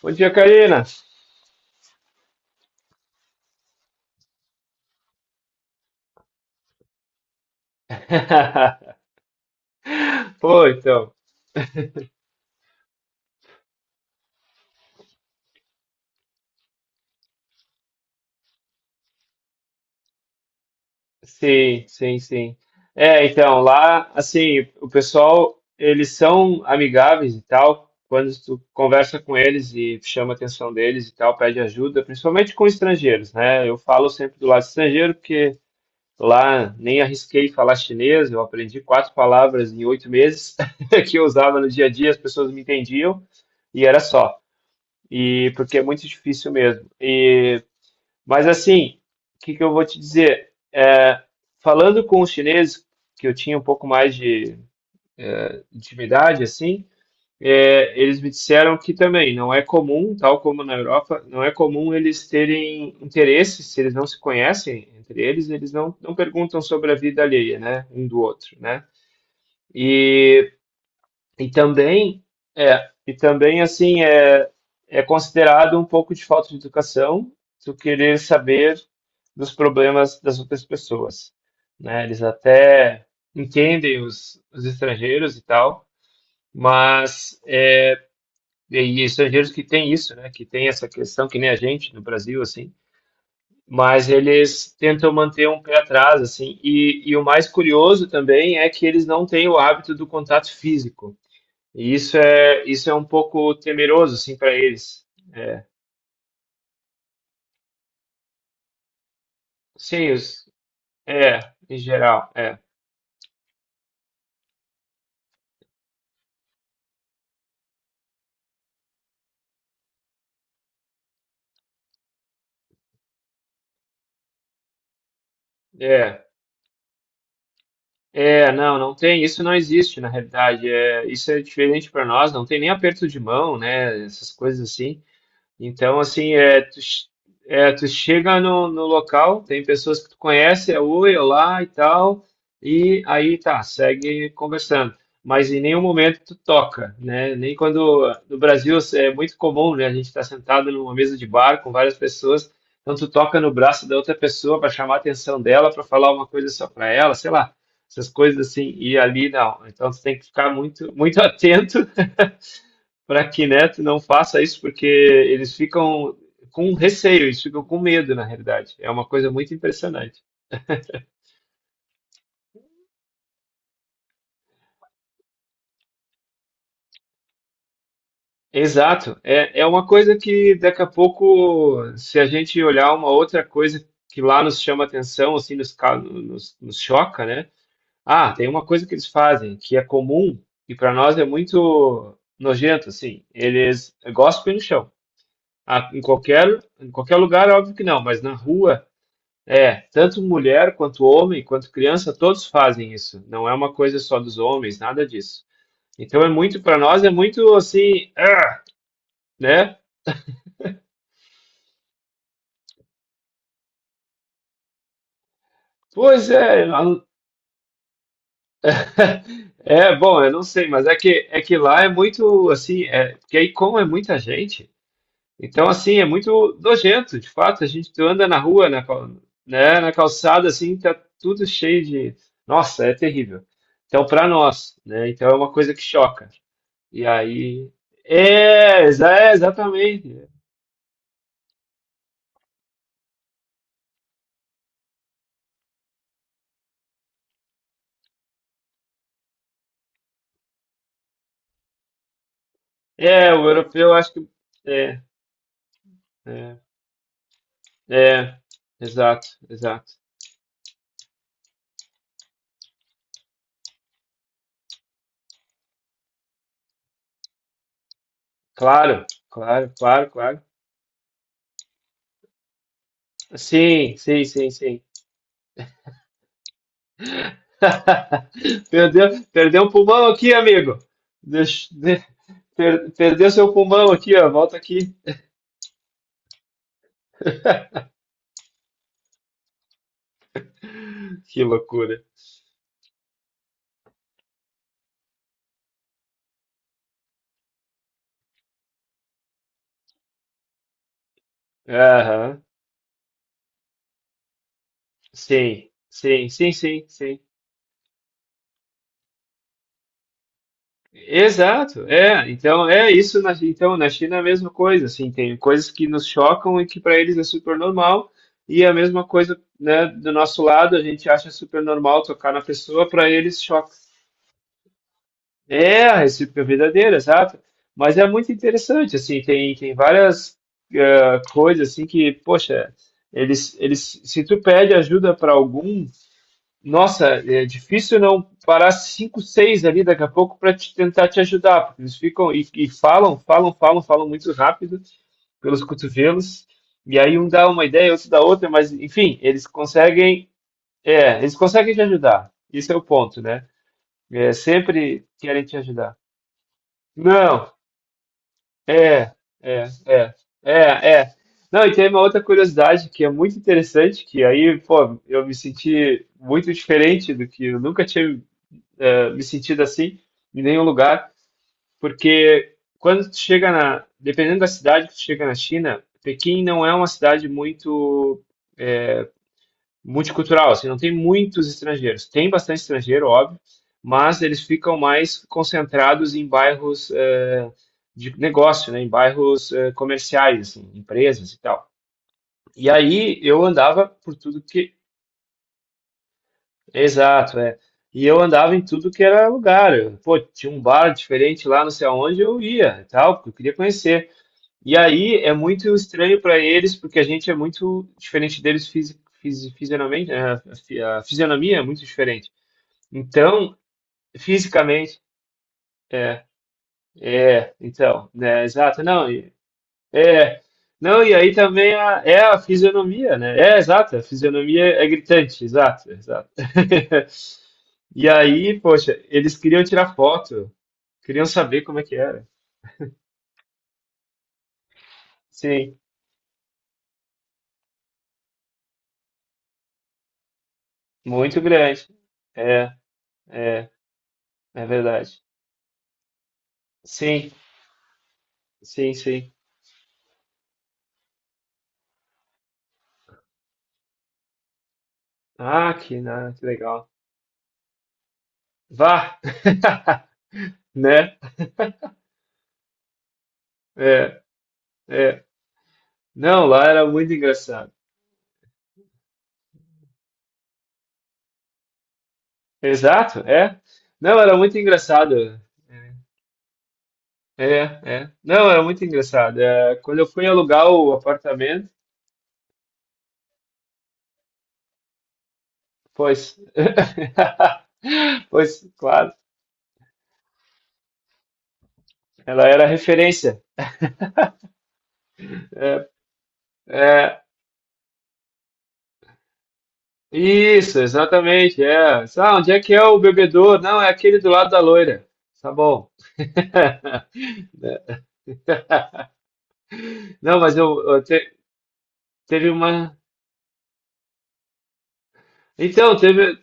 Bom dia, Karina. Pô, então. Sim, sim, sim. É, então, lá, assim, o pessoal, eles são amigáveis e tal. Quando tu conversa com eles e chama a atenção deles e tal, pede ajuda, principalmente com estrangeiros, né? Eu falo sempre do lado estrangeiro, porque lá nem arrisquei falar chinês, eu aprendi quatro palavras em 8 meses que eu usava no dia a dia, as pessoas me entendiam e era só. E porque é muito difícil mesmo. Mas assim, o que que eu vou te dizer? É, falando com os chineses, que eu tinha um pouco mais de intimidade, assim, é, eles me disseram que também não é comum, tal como na Europa, não é comum eles terem interesse, se eles não se conhecem entre eles, eles não, não perguntam sobre a vida alheia, né, um do outro, né? E e também é, e também assim é, é considerado um pouco de falta de educação tu querer saber dos problemas das outras pessoas, né? Eles até entendem os estrangeiros e tal, mas é, e estrangeiros que têm isso, né? Que têm essa questão que nem a gente no Brasil assim, mas eles tentam manter um pé atrás assim. E o mais curioso também é que eles não têm o hábito do contato físico. E isso é um pouco temeroso, assim, para eles. Sim, é, em geral, é, é, é, não, não tem, isso não existe na realidade. É, isso é diferente para nós, não tem nem aperto de mão, né? Essas coisas assim. Então, assim, é, tu chega no local, tem pessoas que tu conhece, é oi, olá e tal, e aí tá, segue conversando. Mas em nenhum momento tu toca, né? Nem quando no Brasil é muito comum, né? A gente está sentado numa mesa de bar com várias pessoas, então tu toca no braço da outra pessoa para chamar a atenção dela, para falar uma coisa só para ela, sei lá, essas coisas assim. E ali não. Então tu tem que ficar muito, muito atento para que Neto não faça isso, porque eles ficam com receio, eles ficam com medo, na realidade. É uma coisa muito impressionante. Exato. É, é uma coisa que daqui a pouco, se a gente olhar uma outra coisa que lá nos chama atenção, assim, nos choca, né? Ah, tem uma coisa que eles fazem que é comum e para nós é muito nojento, assim. Eles gospem no chão. Ah, em qualquer lugar, óbvio que não, mas na rua. É, tanto mulher quanto homem, quanto criança, todos fazem isso. Não é uma coisa só dos homens, nada disso. Então é muito, para nós é muito assim, ah, né? Pois é, é bom, eu não sei, mas é que lá é muito assim, é, porque aí como é muita gente, então assim é muito nojento, de fato. A gente tu anda na rua, né, na calçada assim, tá tudo cheio de, nossa, é terrível. Então para nós, né? Então é uma coisa que choca. E aí. É, exa- é, exatamente. É, o europeu acho que. É, é, é, exato, exato. Claro, claro, claro, claro. Sim, sim, sim, sim. Perdeu, perdeu um pulmão aqui, amigo. Deix- de- Perdeu seu pulmão aqui, ó. Volta aqui. Que loucura. Aham. Sim, sim, sim, sim, sim. Exato, é, então é isso, então na China é a mesma coisa, assim, tem coisas que nos chocam e que para eles é super normal, e a mesma coisa, né, do nosso lado, a gente acha super normal tocar na pessoa, para eles choca. É, a recíproca é verdadeira, exato, mas é muito interessante, assim, tem, tem várias coisas, assim, que, poxa, eles, se tu pede ajuda para algum, nossa, é difícil não parar cinco, seis ali daqui a pouco para te tentar te ajudar, porque eles ficam e falam, falam, falam, falam muito rápido pelos cotovelos, e aí um dá uma ideia, outro dá outra, mas enfim, eles conseguem, é, eles conseguem te ajudar. Esse é o ponto, né? É, sempre querem te ajudar. Não, é, é, é, é, é. Não, e tem uma outra curiosidade que é muito interessante, que aí, pô, eu me senti muito diferente do que eu nunca tinha me sentido assim em nenhum lugar, porque quando tu chega na, dependendo da cidade que tu chega na China, Pequim não é uma cidade muito eh, multicultural, assim, não tem muitos estrangeiros. Tem bastante estrangeiro, óbvio, mas eles ficam mais concentrados em bairros de negócio, né, em bairros comerciais, assim, empresas e tal. E aí eu andava por tudo que. Exato, é. E eu andava em tudo que era lugar. Pô, tinha um bar diferente lá, não sei aonde, eu ia e tal, porque eu queria conhecer. E aí é muito estranho para eles, porque a gente é muito diferente deles fisionomamente, né? A fisionomia é muito diferente. Então, fisicamente, é, é, então, né, exato, não, é. Não, e aí também é a fisionomia, né? É, exato, a fisionomia é gritante, exato, exato. E aí, poxa, eles queriam tirar foto, queriam saber como é que era. Sim, muito grande. É, é, é verdade. Sim, sim, sim. Ah, que legal. Vá, né? É, é. Não, lá era muito engraçado. Exato, é. Não, era muito engraçado. É, é. É. Não, era muito engraçado. É, quando eu fui alugar o apartamento, pois, pois, claro, ela era referência. É. É, isso, exatamente. É. Ah, onde é que é o bebedouro? Não, é aquele do lado da loira. Tá bom. Não, mas eu teve uma. Então, teve.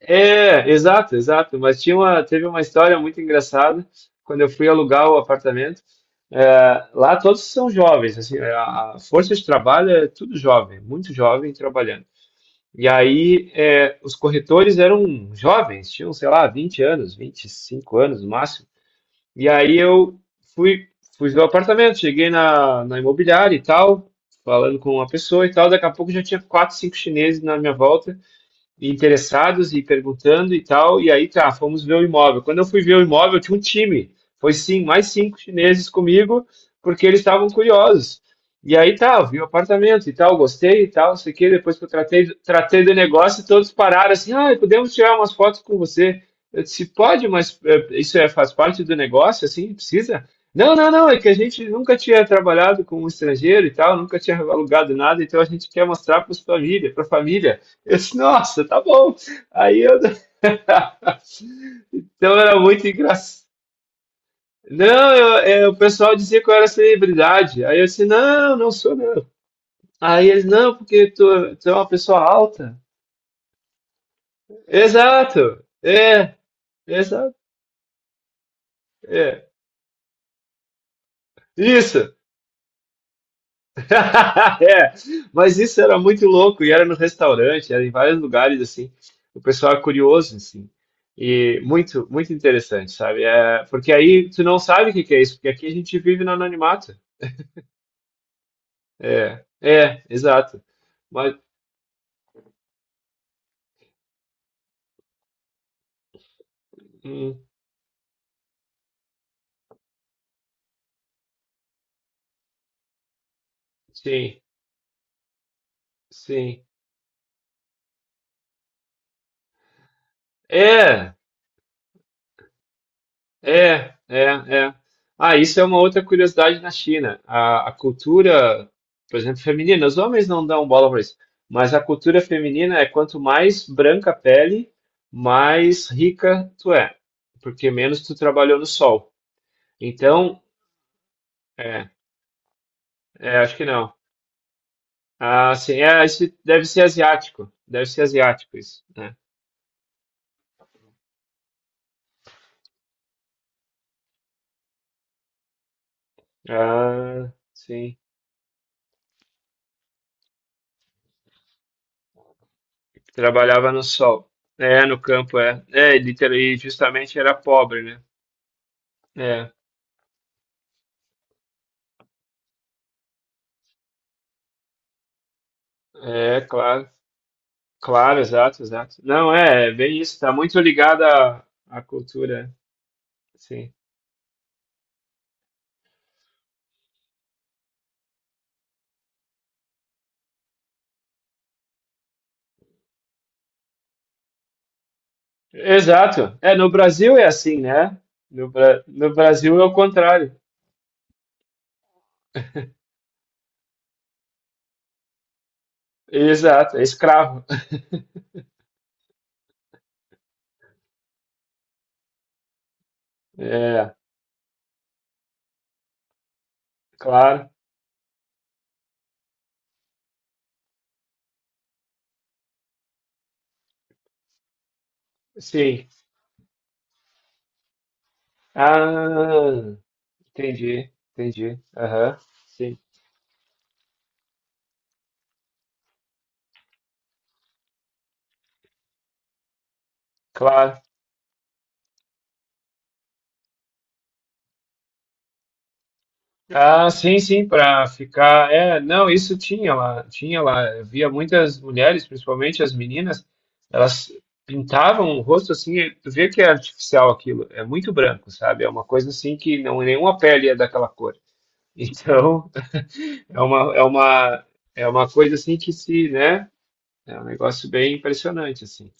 É, exato, exato. Mas tinha uma, teve uma história muito engraçada quando eu fui alugar o apartamento. É, lá todos são jovens, assim, a força de trabalho é tudo jovem, muito jovem trabalhando. E aí, é, os corretores eram jovens, tinham, sei lá, 20 anos, 25 anos no máximo. E aí eu fui, fui ver o apartamento, cheguei na imobiliária e tal, falando com uma pessoa e tal. Daqui a pouco já tinha quatro, cinco chineses na minha volta interessados e perguntando e tal. E aí tá, fomos ver o imóvel. Quando eu fui ver o imóvel, tinha um time. Foi sim, mais cinco chineses comigo, porque eles estavam curiosos. E aí tá, eu vi o apartamento e tal, gostei e tal, não sei o quê. Depois que eu tratei, tratei do negócio, todos pararam assim, ah, podemos tirar umas fotos com você. Eu disse, pode, mas é, isso é, faz parte do negócio, assim, precisa? Não, não, não, é que a gente nunca tinha trabalhado com um estrangeiro e tal, nunca tinha alugado nada, então a gente quer mostrar para a família, para a família. Eu disse, nossa, tá bom. Aí eu. Então era muito engraçado. Não, o pessoal dizia que eu era celebridade. Aí eu disse, não, não sou não. Aí eles, não, porque tu é uma pessoa alta. Exato, é, exato, é. Isso, é. Mas isso era muito louco e era no restaurante, era em vários lugares assim. O pessoal é curioso assim. E muito, muito interessante, sabe? É, porque aí tu não sabe o que que é isso, porque aqui a gente vive no anonimato. É, é, exato. Mas, hum, sim, sim. É, é, é, é. Ah, isso é uma outra curiosidade na China. A cultura, por exemplo, feminina, os homens não dão bola para isso, mas a cultura feminina é quanto mais branca a pele, mais rica tu é, porque menos tu trabalhou no sol. Então, é, é, acho que não. Ah, sim, é, isso deve ser asiático isso, né? Ah, sim. Trabalhava no sol. É, no campo, é. É, e justamente era pobre, né? É, é, claro. Claro, exato, exato. Não, é, é bem isso, tá muito ligado à cultura, sim. Exato. É, no Brasil é assim, né? No Brasil é o contrário. Exato, é escravo. É, claro, sim. Ah, entendi, entendi. Aham, sim, claro. Ah, sim, sim, para ficar. É, não, isso tinha lá, tinha lá. Eu via muitas mulheres, principalmente as meninas, elas pintavam o rosto assim, e tu vê que é artificial aquilo, é muito branco, sabe? É uma coisa assim que não é nenhuma pele é daquela cor. Então, é uma é uma é uma coisa assim que se, né? É um negócio bem impressionante assim.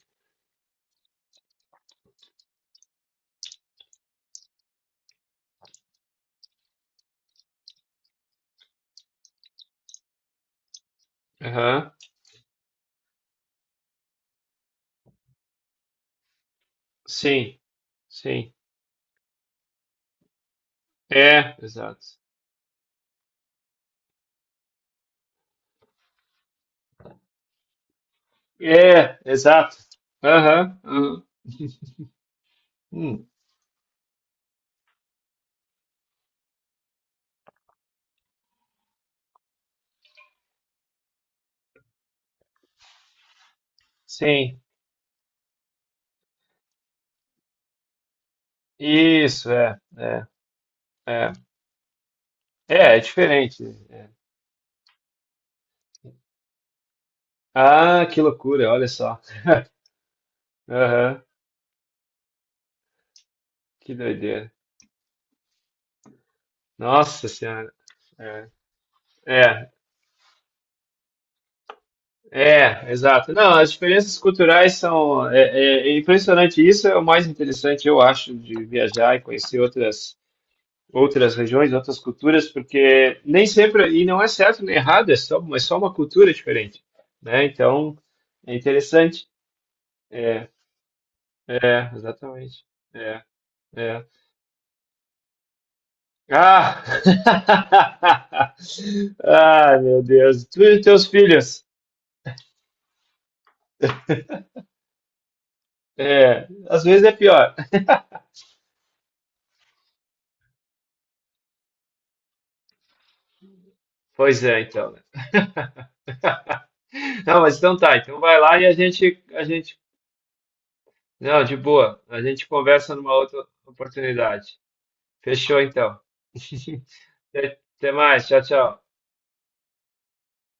Aham. Sim, sim. É, exato. É, exato. Aham. Aham. Hum, sim. Isso, é, é, é. É, é diferente. É. Ah, que loucura, olha só. Aham, que doideira. Nossa Senhora. É, é, é, exato. Não, as diferenças culturais são. É, é impressionante. Isso é o mais interessante, eu acho, de viajar e conhecer outras, regiões, outras culturas, porque nem sempre. E não é certo nem errado, é só uma cultura diferente, né? Então, é interessante. É, é, exatamente. É, é. Ah! Ah, meu Deus. Tu e teus filhos. É, às vezes é pior. Pois é, então, né? Não, mas então tá. Então vai lá e a gente, a gente. Não, de boa. A gente conversa numa outra oportunidade. Fechou, então. Até mais. Tchau, tchau.